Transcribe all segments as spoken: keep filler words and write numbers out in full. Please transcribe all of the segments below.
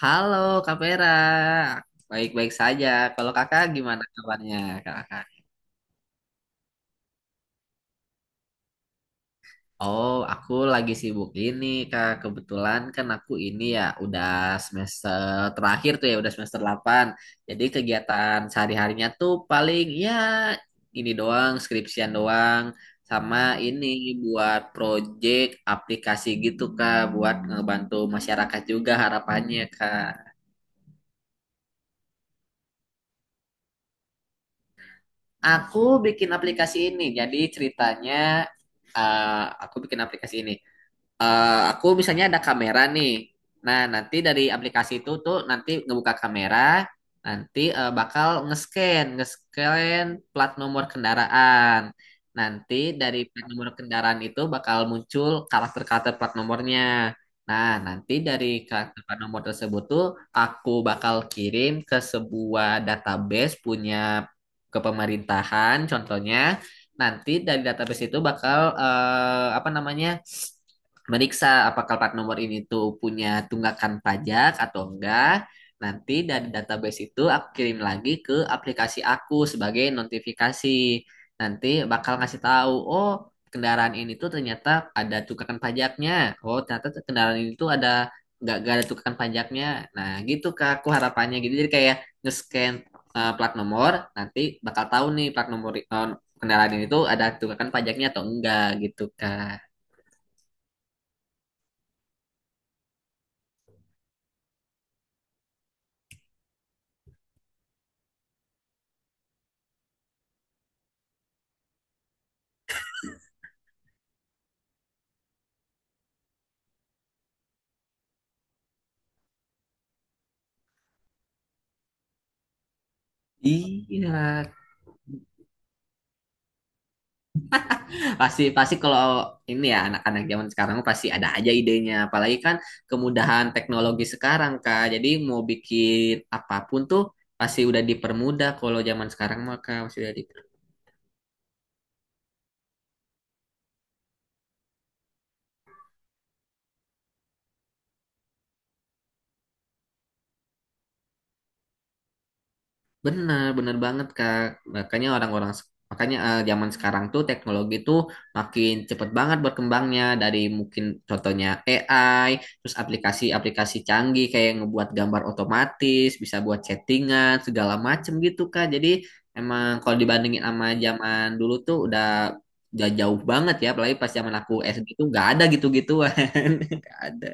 Halo Kak Vera, baik-baik saja. Kalau kakak gimana kabarnya kakak? Oh, aku lagi sibuk ini kak. Kebetulan kan aku ini ya udah semester terakhir tuh ya, udah semester delapan. Jadi kegiatan sehari-harinya tuh paling ya ini doang, skripsian doang. Sama ini buat project aplikasi gitu kak, buat ngebantu masyarakat juga harapannya kak. Aku bikin aplikasi ini. Jadi ceritanya eh, aku bikin aplikasi ini, eh, aku misalnya ada kamera nih. Nah, nanti dari aplikasi itu tuh nanti ngebuka kamera, nanti eh, bakal nge-scan, nge-scan plat nomor kendaraan. Nanti dari plat nomor kendaraan itu bakal muncul karakter-karakter plat nomornya. Nah, nanti dari karakter plat nomor tersebut tuh aku bakal kirim ke sebuah database punya kepemerintahan, contohnya. Nanti dari database itu bakal eh, apa namanya? Meriksa apakah plat nomor ini tuh punya tunggakan pajak atau enggak. Nanti dari database itu aku kirim lagi ke aplikasi aku sebagai notifikasi. Nanti bakal ngasih tahu, oh kendaraan ini tuh ternyata ada tunggakan pajaknya. Oh ternyata tuh kendaraan ini tuh ada nggak nggak ada tunggakan pajaknya. Nah gitu kak, aku harapannya gitu. Jadi kayak nge-scan eh, plat nomor, nanti bakal tahu nih plat nomor eh, kendaraan ini tuh ada tunggakan pajaknya atau enggak gitu kak. Iya. pasti pasti kalau ini ya anak-anak zaman sekarang pasti ada aja idenya, apalagi kan kemudahan teknologi sekarang Kak, jadi mau bikin apapun tuh pasti udah dipermudah kalau zaman sekarang maka masih udah dipermudah, benar benar banget Kak. Makanya orang-orang makanya eh, zaman sekarang tuh teknologi tuh makin cepet banget berkembangnya, dari mungkin contohnya A I, terus aplikasi-aplikasi canggih kayak ngebuat gambar otomatis, bisa buat chattingan segala macem gitu Kak. Jadi emang kalau dibandingin sama zaman dulu tuh udah udah jauh banget ya, apalagi pas zaman aku S D tuh nggak ada gitu-gituan, nggak ada.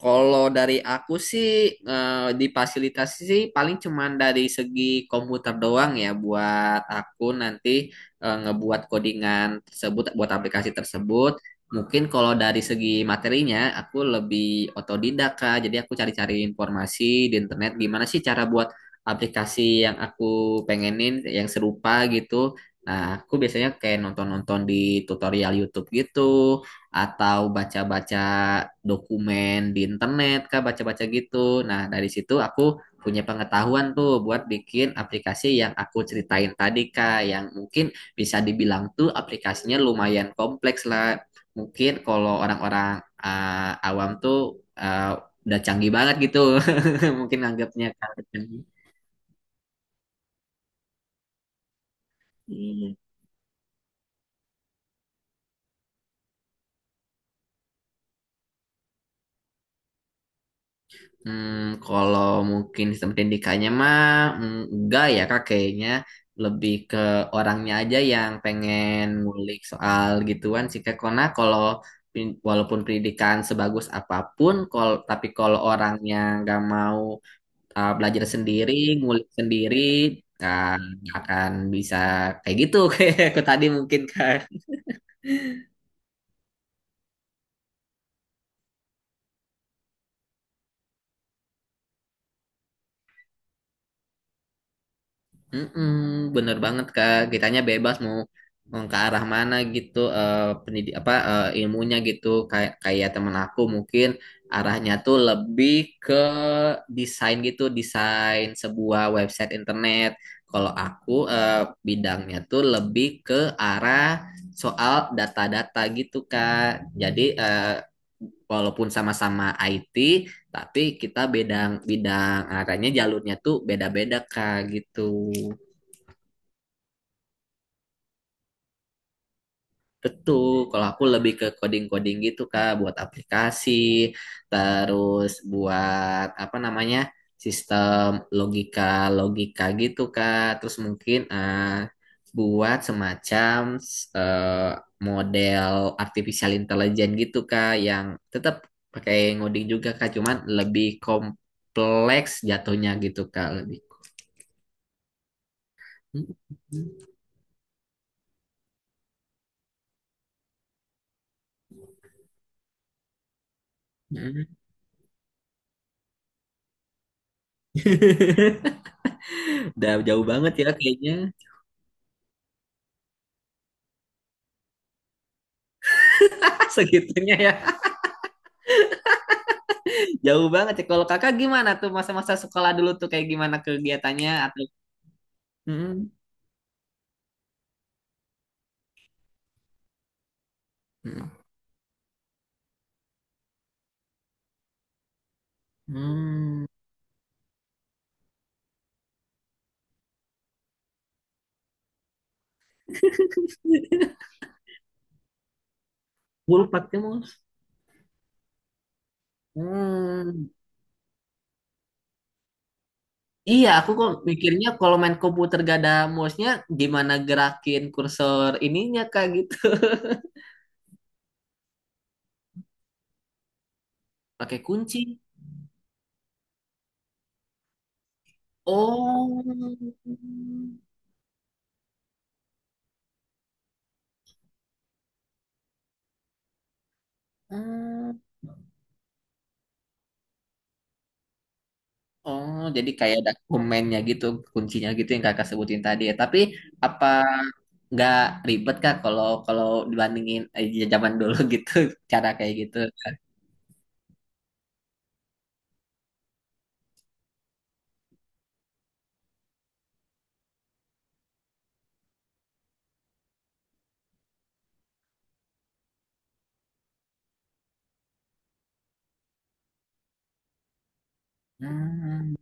Kalau dari aku sih eh, di fasilitas sih paling cuman dari segi komputer doang ya, buat aku nanti eh, ngebuat codingan tersebut buat aplikasi tersebut. Mungkin kalau dari segi materinya aku lebih otodidak Kak. Jadi aku cari-cari informasi di internet, gimana sih cara buat aplikasi yang aku pengenin yang serupa gitu. Nah, aku biasanya kayak nonton-nonton di tutorial YouTube gitu, atau baca-baca dokumen di internet kah, baca-baca gitu. Nah, dari situ aku punya pengetahuan tuh buat bikin aplikasi yang aku ceritain tadi kah, yang mungkin bisa dibilang tuh aplikasinya lumayan kompleks lah. Mungkin kalau orang-orang ah, awam tuh, ah, udah canggih banget gitu. Mungkin anggapnya kan. Hmm, kalau mungkin sistem pendidikannya mah, mm, enggak ya kak kayaknya, lebih ke orangnya aja yang pengen ngulik soal gituan sih kak. Karena kalau pin- walaupun pendidikan sebagus apapun, kalau tapi kalau orangnya nggak mau uh, belajar sendiri, ngulik sendiri, kan nggak akan bisa kayak gitu, kayak aku tadi mungkin kak. Mm-mm, bener banget Kak, kitanya bebas mau mau ke arah mana gitu, eh pendidik apa eh, ilmunya gitu, kayak kayak temen aku mungkin arahnya tuh lebih ke desain gitu, desain sebuah website internet. Kalau aku eh, bidangnya tuh lebih ke arah soal data-data gitu Kak. Jadi eh, walaupun sama-sama I T, tapi kita bidang bidang arahnya jalurnya tuh beda-beda Kak gitu. Betul, kalau aku lebih ke coding-coding gitu Kak, buat aplikasi, terus buat apa namanya, sistem logika-logika gitu Kak, terus mungkin eh, buat semacam eh, model artificial intelligence gitu Kak, yang tetap pakai ngoding juga Kak, cuman lebih kompleks jatuhnya gitu Kak, lebih. Udah jauh banget ya kayaknya. Segitunya ya. Jauh banget ya. Kalau kakak gimana tuh masa-masa sekolah dulu tuh kayak gimana kegiatannya atau hmm, hmm, hmm. Gue lupa tuh, Mus. Hmm. Iya, aku kok mikirnya kalau main komputer gak ada mouse-nya, gimana gerakin kursor ininya kak gitu. Pakai kunci. Oh. Hmm. Oh, jadi kayak dokumennya gitu, kuncinya gitu yang kakak sebutin tadi ya. Tapi apa nggak ribet kak kalau kalau dibandingin eh, zaman dulu gitu, cara kayak gitu? Hmm,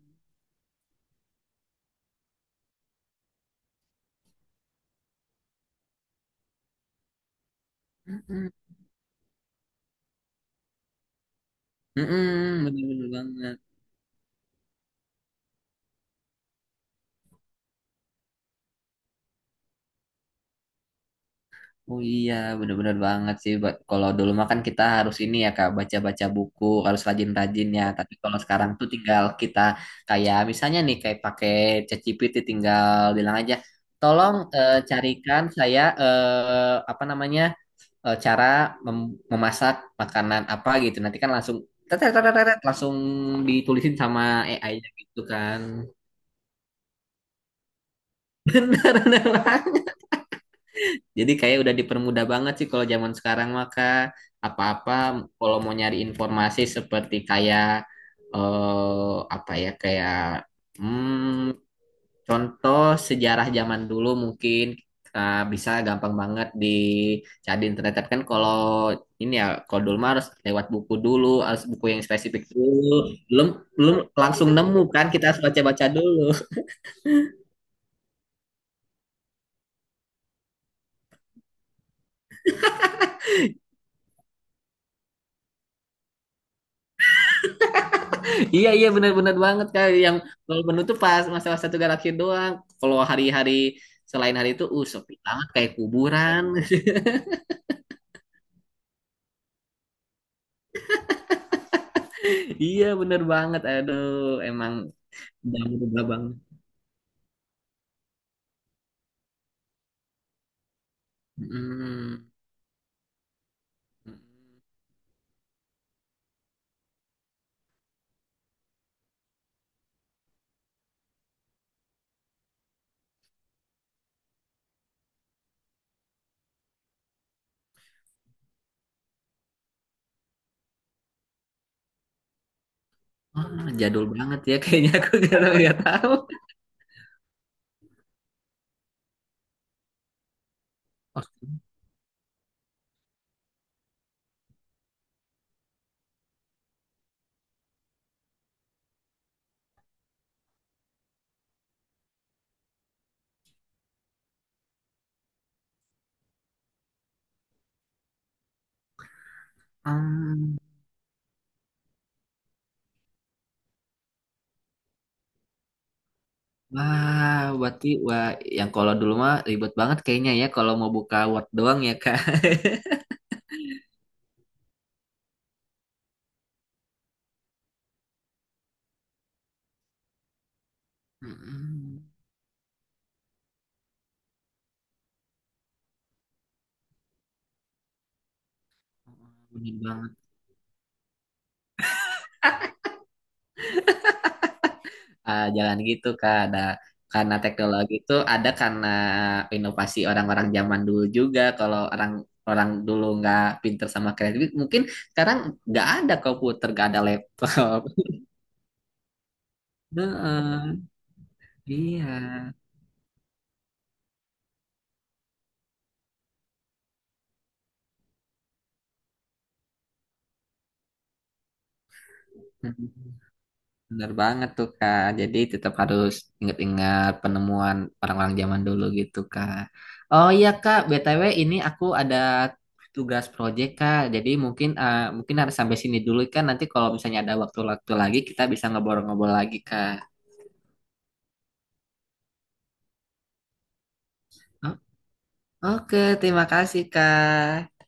mm-mm. Mm-mm, bener-bener banget. Oh iya, bener-bener banget sih. Ba- Kalau dulu mah kan kita harus ini ya Kak, baca-baca buku, harus rajin-rajin ya. Tapi kalau sekarang tuh tinggal kita kayak misalnya nih kayak pakai ChatGPT tinggal bilang aja, tolong eh, carikan saya, eh, apa namanya, eh, cara mem- memasak makanan apa gitu. Nanti kan langsung tet- tet- tet- tet- tet, langsung ditulisin sama A I-nya gitu kan. Bener-bener. Jadi kayak udah dipermudah banget sih kalau zaman sekarang maka apa-apa, kalau mau nyari informasi seperti kayak eh, apa ya kayak hmm, contoh sejarah zaman dulu mungkin eh, bisa gampang banget dicari di internet. Tapi kan kalau ini ya kalau dulu mah harus lewat buku dulu, harus buku yang spesifik dulu, belum belum langsung nemu kan, kita harus baca-baca dulu. Iya iya benar-benar banget kak, yang kalau menu tuh pas masalah satu galaksi doang. Kalau hari-hari selain hari itu uh sepi banget kayak kuburan. Iya bener banget. Aduh emang jadul babang. Mm. Ah, jadul banget ya kayaknya aku, nggak tahu nggak tahu. Hmm. Wah, berarti wah yang kalau dulu mah ribet banget kayaknya ya, kalau mau buka Word doang ya kak. Mm. Bener banget. Eh, jalan gitu Kak. Ada karena teknologi itu ada karena inovasi orang-orang zaman dulu juga. Kalau orang orang dulu nggak pinter sama kreatif, mungkin sekarang nggak ada komputer, nggak ada laptop. Heeh, iya. Hmm. Bener banget tuh Kak. Jadi tetap harus ingat-ingat penemuan orang-orang zaman dulu gitu Kak. Oh iya Kak, B T W ini aku ada tugas proyek Kak. Jadi mungkin eh, mungkin harus sampai sini dulu kan. Nanti kalau misalnya ada waktu-waktu lagi kita bisa ngobrol-ngobrol lagi Kak. Oh, oke, terima kasih Kak.